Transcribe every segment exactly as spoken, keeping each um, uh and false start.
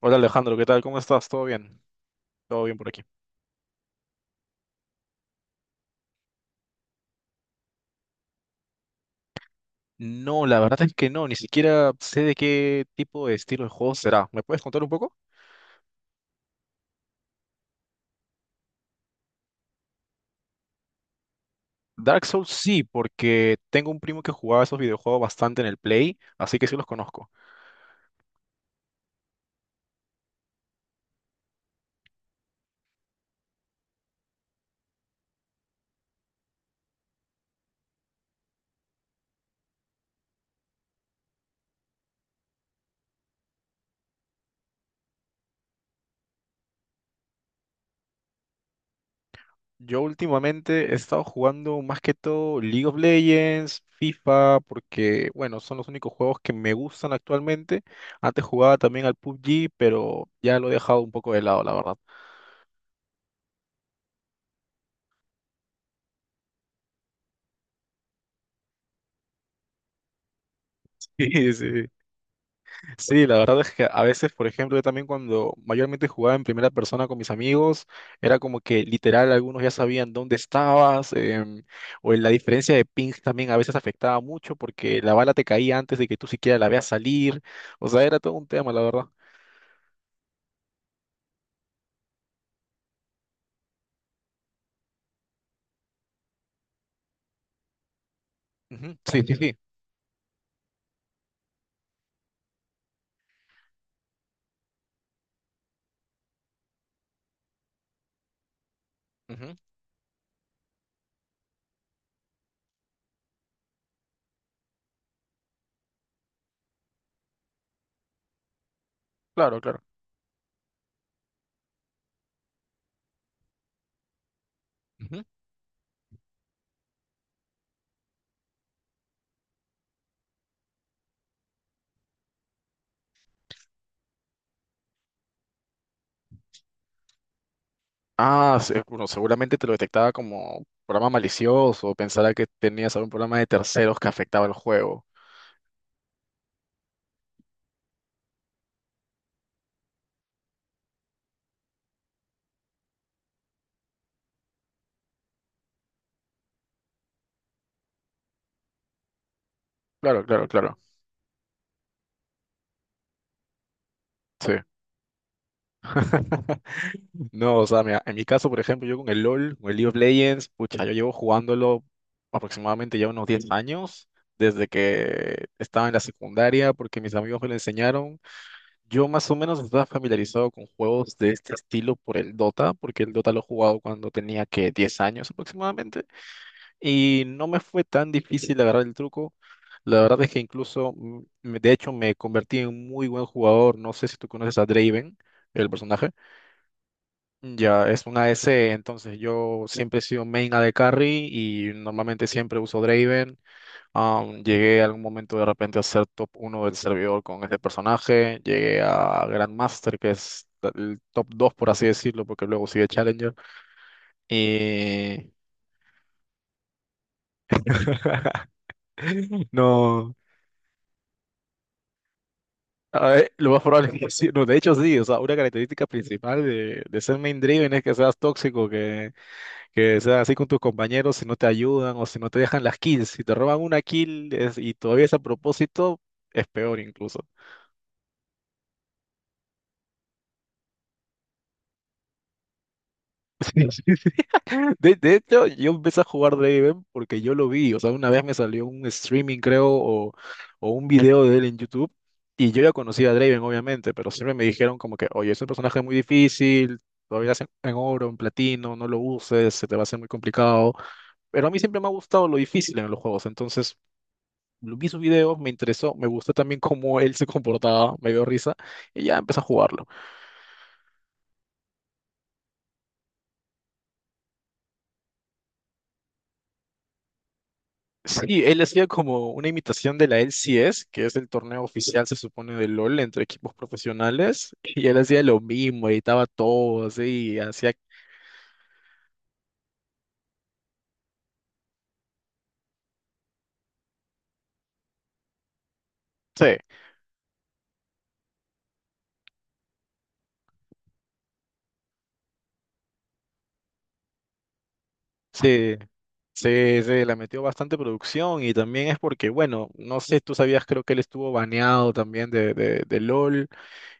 Hola Alejandro, ¿qué tal? ¿Cómo estás? ¿Todo bien? Todo bien por aquí. No, la verdad es que no, ni siquiera sé de qué tipo de estilo de juego será. ¿Me puedes contar un poco? Dark Souls sí, porque tengo un primo que jugaba esos videojuegos bastante en el Play, así que sí los conozco. Yo últimamente he estado jugando más que todo League of Legends, FIFA, porque bueno, son los únicos juegos que me gustan actualmente. Antes jugaba también al P U B G, pero ya lo he dejado un poco de lado, la verdad. Sí, sí. Sí, la verdad es que a veces, por ejemplo, yo también cuando mayormente jugaba en primera persona con mis amigos, era como que literal algunos ya sabían dónde estabas, em, o en la diferencia de pings también a veces afectaba mucho porque la bala te caía antes de que tú siquiera la veas salir, o sea, era todo un tema, la verdad. Ujú. Sí, sí, sí. Ujú. Claro, claro. Ujú. Ah, sí, bueno, seguramente te lo detectaba como programa malicioso, o pensara que tenías algún programa de terceros que afectaba el juego. Claro, claro, claro. Sí. No, o sea, mira, en mi caso, por ejemplo, yo con el LOL, con el League of Legends, pucha, yo llevo jugándolo aproximadamente ya unos diez años, desde que estaba en la secundaria, porque mis amigos me lo enseñaron. Yo más o menos estaba familiarizado con juegos de este estilo por el Dota, porque el Dota lo he jugado cuando tenía que diez años aproximadamente, y no me fue tan difícil agarrar el truco. La verdad es que incluso, mm, de hecho, me convertí en un muy buen jugador. No sé si tú conoces a Draven, el personaje. Ya, es una S E, entonces yo siempre he sido main A D carry y normalmente siempre uso Draven. Am, llegué a algún momento de repente a ser top uno del servidor con este personaje. Llegué a Grandmaster, que es el top dos por así decirlo, porque luego sigue Challenger. Y no, a ver, lo más probable es que sí. No, de hecho sí, o sea, una característica principal de, de ser main Draven es que seas tóxico, que Que sea así con tus compañeros si no te ayudan o si no te dejan las kills. Si te roban una kill es- y todavía es a propósito, es peor incluso. Sí, sí, sí. De, de hecho, yo empecé a jugar Draven porque yo lo vi. O sea, una vez me salió un streaming, creo, o, o un video de él en YouTube. Y yo ya conocía a Draven, obviamente, pero siempre me dijeron como que, oye, es un personaje muy difícil, todavía es en en oro, en platino, no lo uses, se te va a hacer muy complicado. Pero a mí siempre me ha gustado lo difícil en los juegos, entonces lo vi sus videos, me interesó, me gustó también cómo él se comportaba, me dio risa, y ya empecé a jugarlo. Sí, él hacía como una imitación de la L C S, que es el torneo oficial, se supone, de LOL entre equipos profesionales, y él hacía lo mismo, editaba todo, así, y hacía... Sí, sí, sí, sí, la metió bastante producción, y también es porque, bueno, no sé, tú sabías, creo que él estuvo baneado también de, de, de LOL,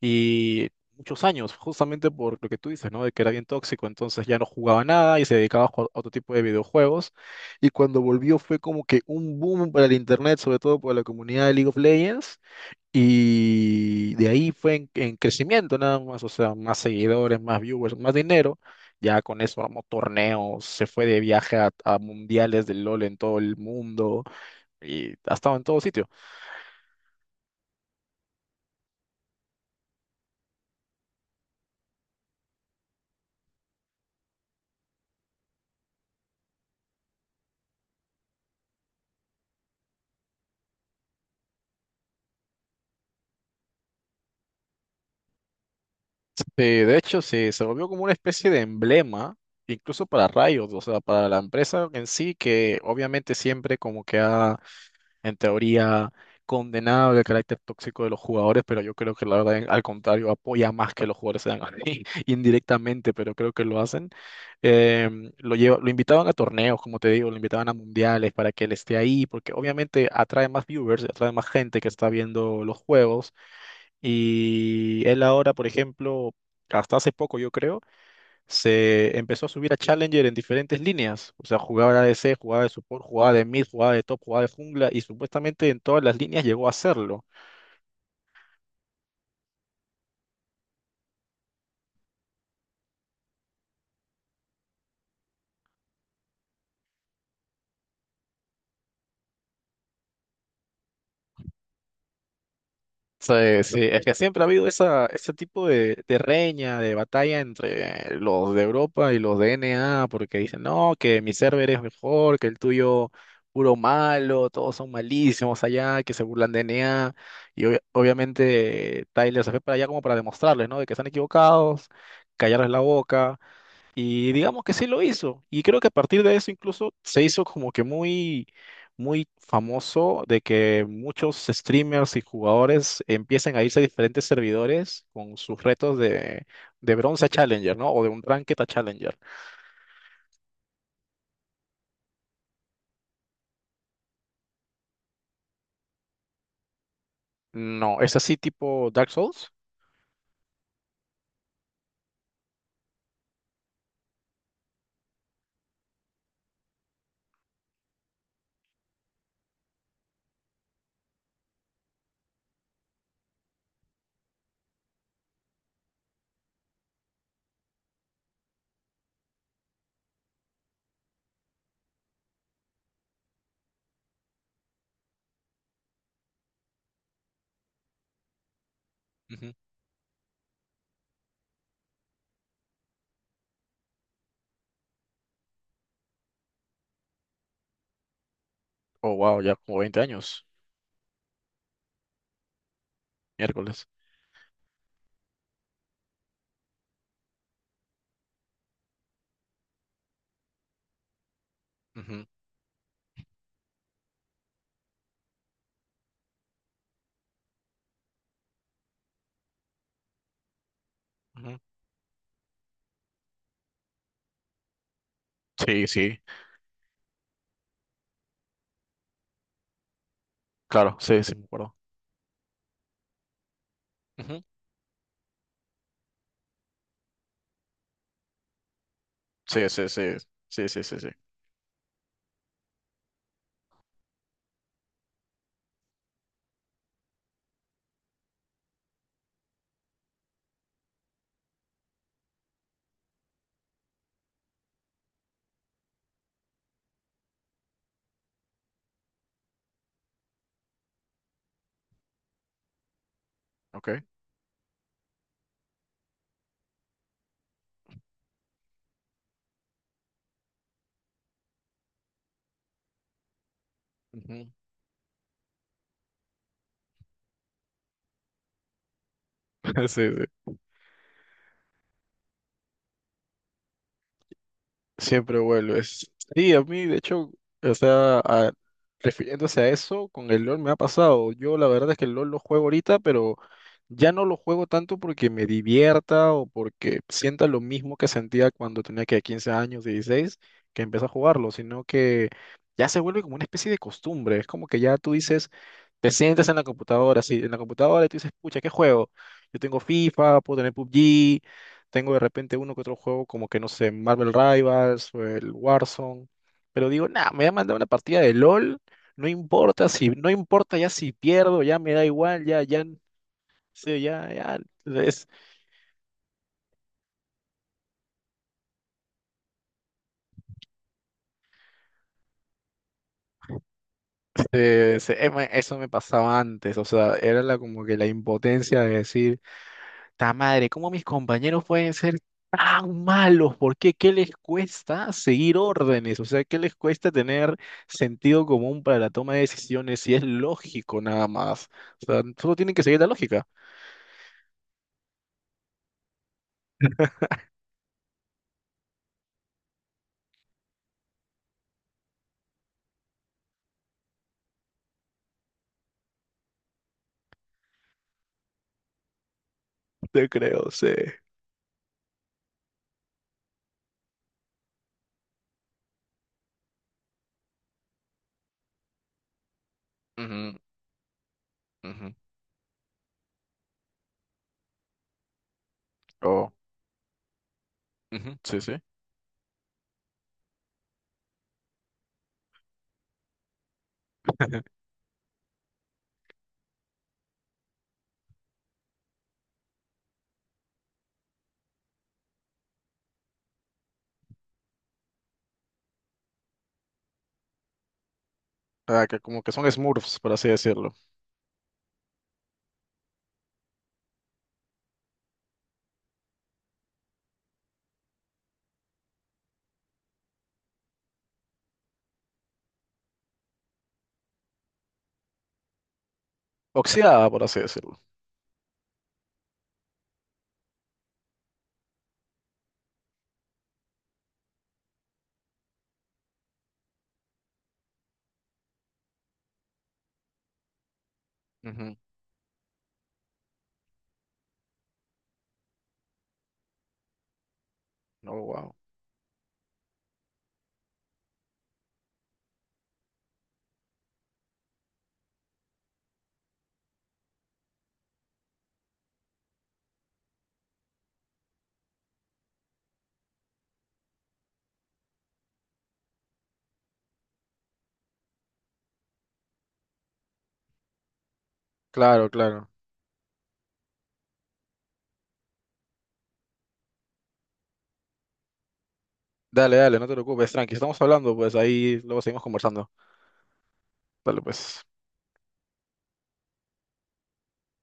y muchos años, justamente por lo que tú dices, ¿no? De que era bien tóxico, entonces ya no jugaba nada y se dedicaba a jugar otro tipo de videojuegos. Y cuando volvió fue como que un boom para el internet, sobre todo por la comunidad de League of Legends. Y de ahí fue en, en crecimiento nada más, o sea, más seguidores, más viewers, más dinero. Ya con eso armó torneos, se fue de viaje a, a mundiales del LOL en todo el mundo y ha estado en todo sitio. Sí, de hecho, sí, se volvió como una especie de emblema, incluso para Riot, o sea, para la empresa en sí, que obviamente siempre como que ha, en teoría, condenado el carácter tóxico de los jugadores, pero yo creo que la verdad, en- al contrario, apoya más que los jugadores sean así, indirectamente, pero creo que lo hacen. Em, lo lleva, lo invitaban a torneos, como te digo, lo invitaban a mundiales para que él esté ahí, porque obviamente atrae más viewers, atrae más gente que está viendo los juegos y él ahora, por ejemplo, hasta hace poco yo creo, se empezó a subir a Challenger en diferentes líneas. O sea, jugaba de A D C, jugaba de support, jugaba de mid, jugaba de top, jugaba de jungla y supuestamente en todas las líneas llegó a hacerlo. Sí, sí, es que siempre ha habido esa, ese tipo de, de reña, de batalla entre los de Europa y los de N A porque dicen, no, que mi server es mejor, que el tuyo puro malo, todos son malísimos allá, que se burlan de N A y obvia- obviamente Tyler se fue para allá como para demostrarles, ¿no? De que están equivocados, callarles la boca, y digamos que sí lo hizo. Y creo que a partir de eso incluso se hizo como que muy, muy famoso de que muchos streamers y jugadores empiecen a irse a diferentes servidores con sus retos de, de bronce a Challenger, ¿no? O de un ranked a Challenger. No, ¿es así tipo Dark Souls? Ujú. Oh, wow, ya como veinte años, miércoles. Ujú, ujú. Sí, sí, claro, sí, sí, me acuerdo. Ujú. Sí, sí, sí, sí, sí, sí, sí. Sí. Ok. Ujú. Sí, sí. Siempre vuelves. Sí, a mí, de hecho, o sea, a- refiriéndose a eso, con el LOL me ha pasado. Yo la verdad es que el LOL lo juego ahorita, pero ya no lo juego tanto porque me divierta o porque sienta lo mismo que sentía cuando tenía que quince años, dieciséis que empecé a jugarlo, sino que ya se vuelve como una especie de costumbre. Es como que ya tú dices, te sientas en la computadora, sí, en la computadora y tú dices, pucha, ¿qué juego? Yo tengo FIFA, puedo tener P U B G, tengo de repente uno que otro juego como que no sé, Marvel Rivals o el Warzone, pero digo, nada, me voy a mandar una partida de LOL, no importa si, no importa ya si pierdo, ya me da igual, ya, ya, sí, ya, ya. Es, eh, se- eh, me- eso me pasaba antes, o sea, era la, como que la impotencia de decir Ta madre, ¿cómo mis compañeros pueden ser tan malos? ¿Por qué? ¿Qué les cuesta seguir órdenes? O sea, ¿qué les cuesta tener sentido común para la toma de decisiones? Si es lógico nada más. O sea, solo tienen que seguir la lógica. Te creo, sí. Ujú, ujú. Oh, ujú, sí, sí. Ah, que como que son Smurfs, por así decirlo. Oxidada, por así decirlo. Ujú. Oh, wow. Claro, claro. Dale, dale, no te preocupes, tranqui. Estamos hablando, pues ahí luego seguimos conversando. Dale, pues.